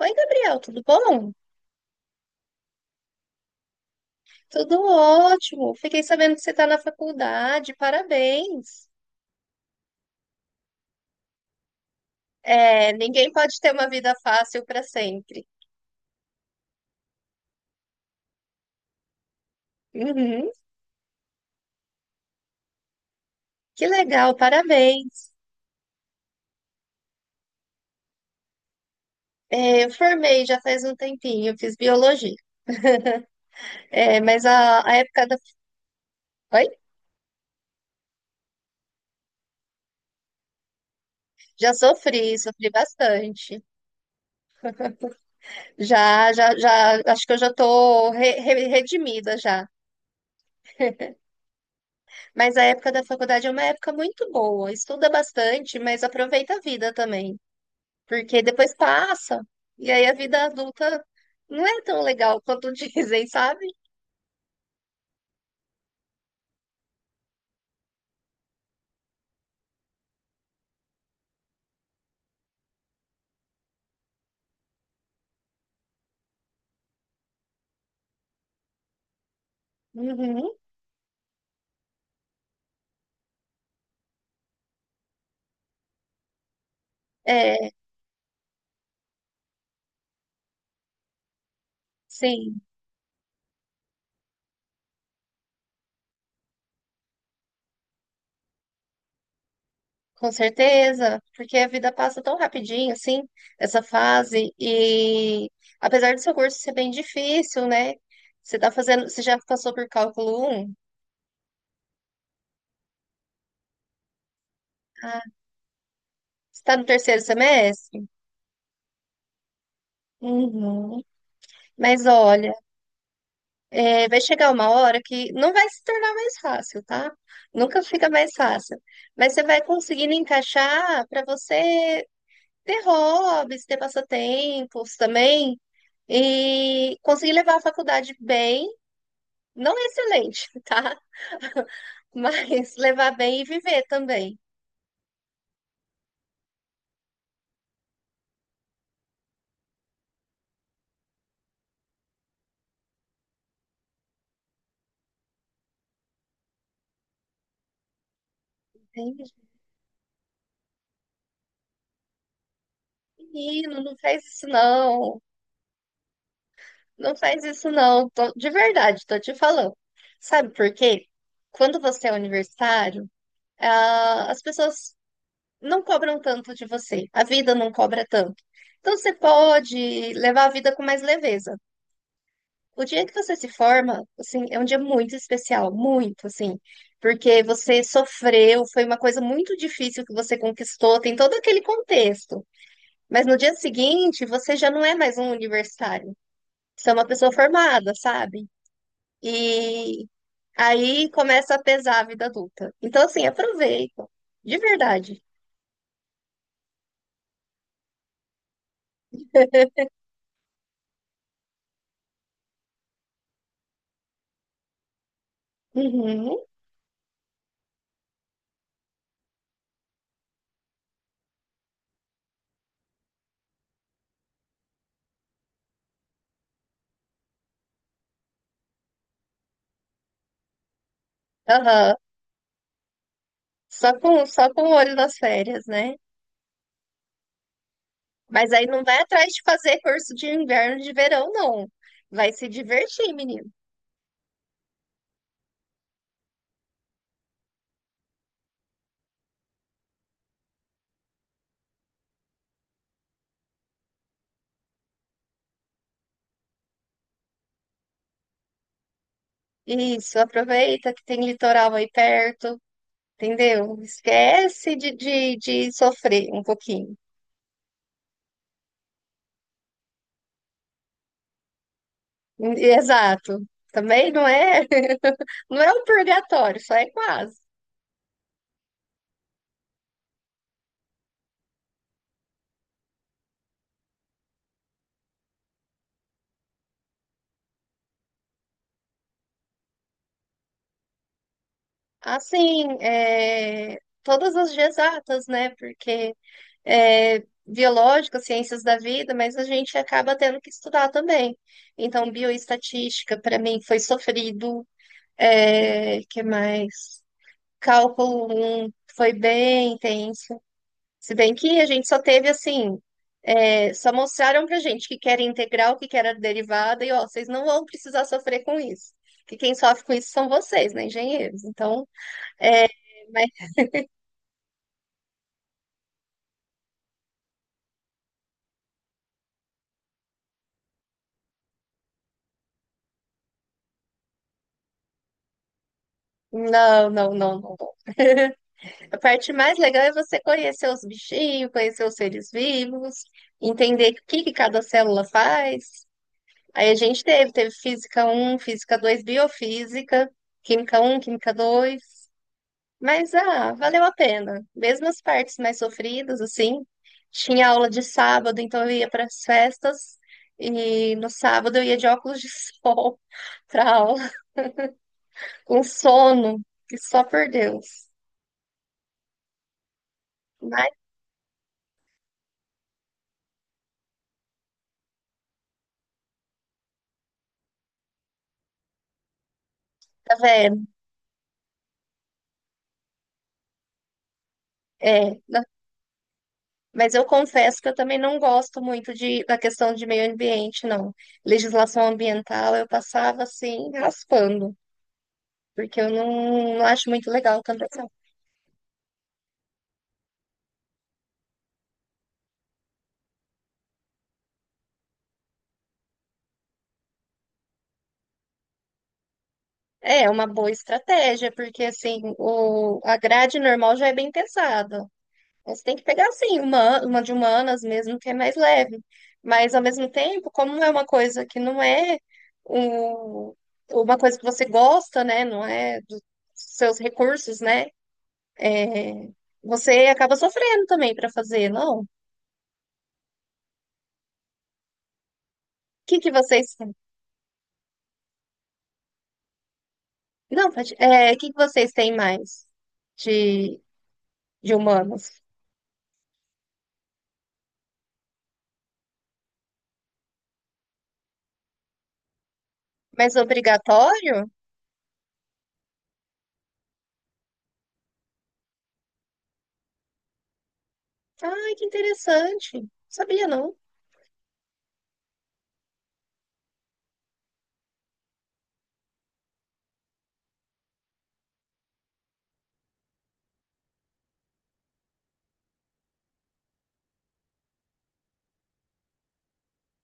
Oi, Gabriel, tudo bom? Tudo ótimo. Fiquei sabendo que você está na faculdade, parabéns. É, ninguém pode ter uma vida fácil para sempre. Uhum, que legal, parabéns. É, eu formei já faz um tempinho, fiz biologia. É, mas a época da. Oi? Já sofri, sofri bastante. Já, já, já, acho que eu já estou redimida já. Mas a época da faculdade é uma época muito boa. Estuda bastante, mas aproveita a vida também, porque depois passa. E aí a vida adulta não é tão legal quanto dizem, sabe? Uhum. É, sim, com certeza, porque a vida passa tão rapidinho, assim, essa fase, e apesar do seu curso ser bem difícil, né? Você tá fazendo, você já passou por cálculo um. Ah, você tá no terceiro semestre? Uhum. Mas olha, é, vai chegar uma hora que não vai se tornar mais fácil, tá? Nunca fica mais fácil. Mas você vai conseguindo encaixar para você ter hobbies, ter passatempos também e conseguir levar a faculdade bem, não é excelente, tá? Mas levar bem e viver também. Entende? Menino, não faz isso não. Não faz isso não. De verdade, tô te falando. Sabe por quê? Quando você é universitário, ah, as pessoas não cobram tanto de você. A vida não cobra tanto. Então você pode levar a vida com mais leveza. O dia que você se forma, assim, é um dia muito especial, muito, assim, porque você sofreu, foi uma coisa muito difícil que você conquistou, tem todo aquele contexto. Mas no dia seguinte, você já não é mais um universitário. Você é uma pessoa formada, sabe? E aí começa a pesar a vida adulta. Então, assim, aproveita, de verdade. Uhum, aham. Só com o olho das férias, né? Mas aí não vai atrás de fazer curso de inverno, de verão, não. Vai se divertir, menino. Isso, aproveita que tem litoral aí perto, entendeu? Esquece de sofrer um pouquinho. Exato. Também não é, não é um purgatório, só é quase. Assim, é, todas as exatas, né? Porque é, biológica, ciências da vida, mas a gente acaba tendo que estudar também. Então, bioestatística, para mim, foi sofrido. É, que mais? Cálculo 1 foi bem intenso. Se bem que a gente só teve assim, é, só mostraram pra gente que era integral, que era derivada, e ó, vocês não vão precisar sofrer com isso. Que quem sofre com isso são vocês, né, engenheiros? Então, é, mas não, não, não, não. Não. A parte mais legal é você conhecer os bichinhos, conhecer os seres vivos, entender o que que cada célula faz. Aí a gente teve física um, física 2, biofísica, química um, química 2. Mas ah, valeu a pena. Mesmo as partes mais sofridas, assim, tinha aula de sábado, então eu ia para as festas e no sábado eu ia de óculos de sol para aula, com sono, e só por Deus. Mas tá vendo? É, mas eu confesso que eu também não gosto muito de, da questão de meio ambiente, não. Legislação ambiental eu passava assim, raspando, porque eu não acho muito legal tanto assim. É uma boa estratégia, porque assim, a grade normal já é bem pesada. Você tem que pegar assim, uma de humanas mesmo, que é mais leve. Mas ao mesmo tempo, como é uma coisa que não é um, uma coisa que você gosta, né? Não é dos seus recursos, né? É, você acaba sofrendo também para fazer, não? O que que vocês têm? Não, o que que vocês têm mais de, de humanos? Mais obrigatório? Ai, que interessante. Sabia não.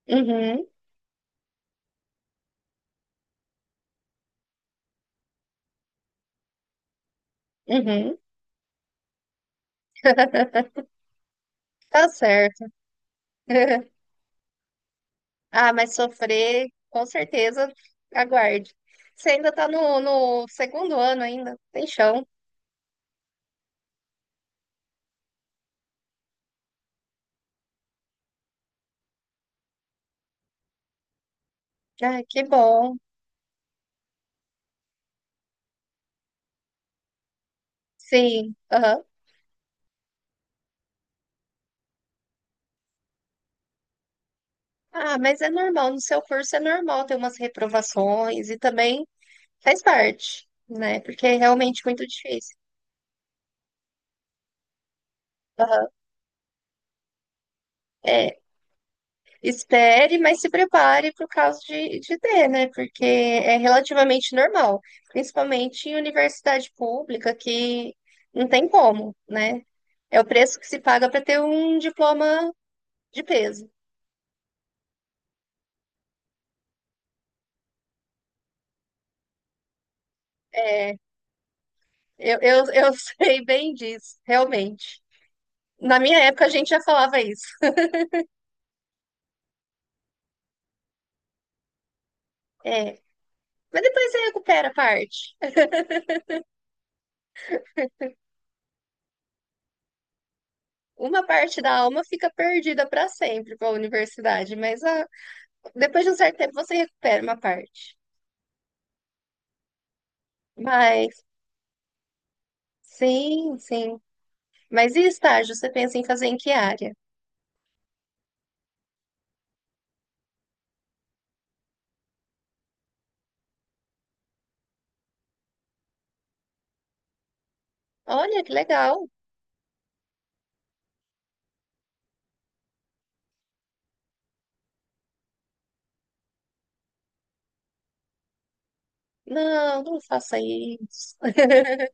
Uhum, uhum. Tá certo. Ah, mas sofrer, com certeza, aguarde. Você ainda tá no segundo ano ainda, tem chão. Ah, que bom. Sim, aham. Ah, mas é normal, no seu curso é normal ter umas reprovações e também faz parte, né? Porque é realmente muito difícil. Aham. É, espere, mas se prepare para o caso de ter, né? Porque é relativamente normal, principalmente em universidade pública, que não tem como, né? É o preço que se paga para ter um diploma de peso. É, Eu sei bem disso, realmente. Na minha época a gente já falava isso. É, mas depois você recupera a parte. Uma parte da alma fica perdida para sempre para a universidade, mas ah, depois de um certo tempo você recupera uma parte. Mas sim, sim. Mas e estágio? Você pensa em fazer em que área? Olha que legal. Não, não faça isso.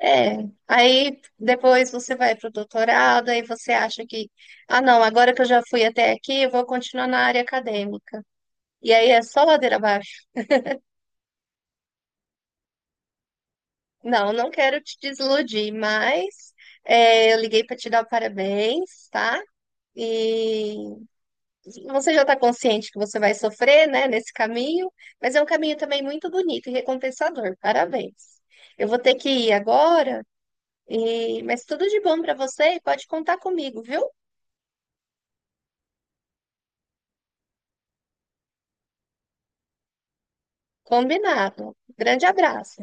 É, aí depois você vai para o doutorado, aí você acha que, ah, não, agora que eu já fui até aqui, eu vou continuar na área acadêmica. E aí é só ladeira abaixo. Não, não quero te desiludir, mas eu liguei para te dar parabéns, tá? E você já está consciente que você vai sofrer, né, nesse caminho, mas é um caminho também muito bonito e recompensador. Parabéns. Eu vou ter que ir agora, mas tudo de bom para você e pode contar comigo, viu? Combinado. Grande abraço.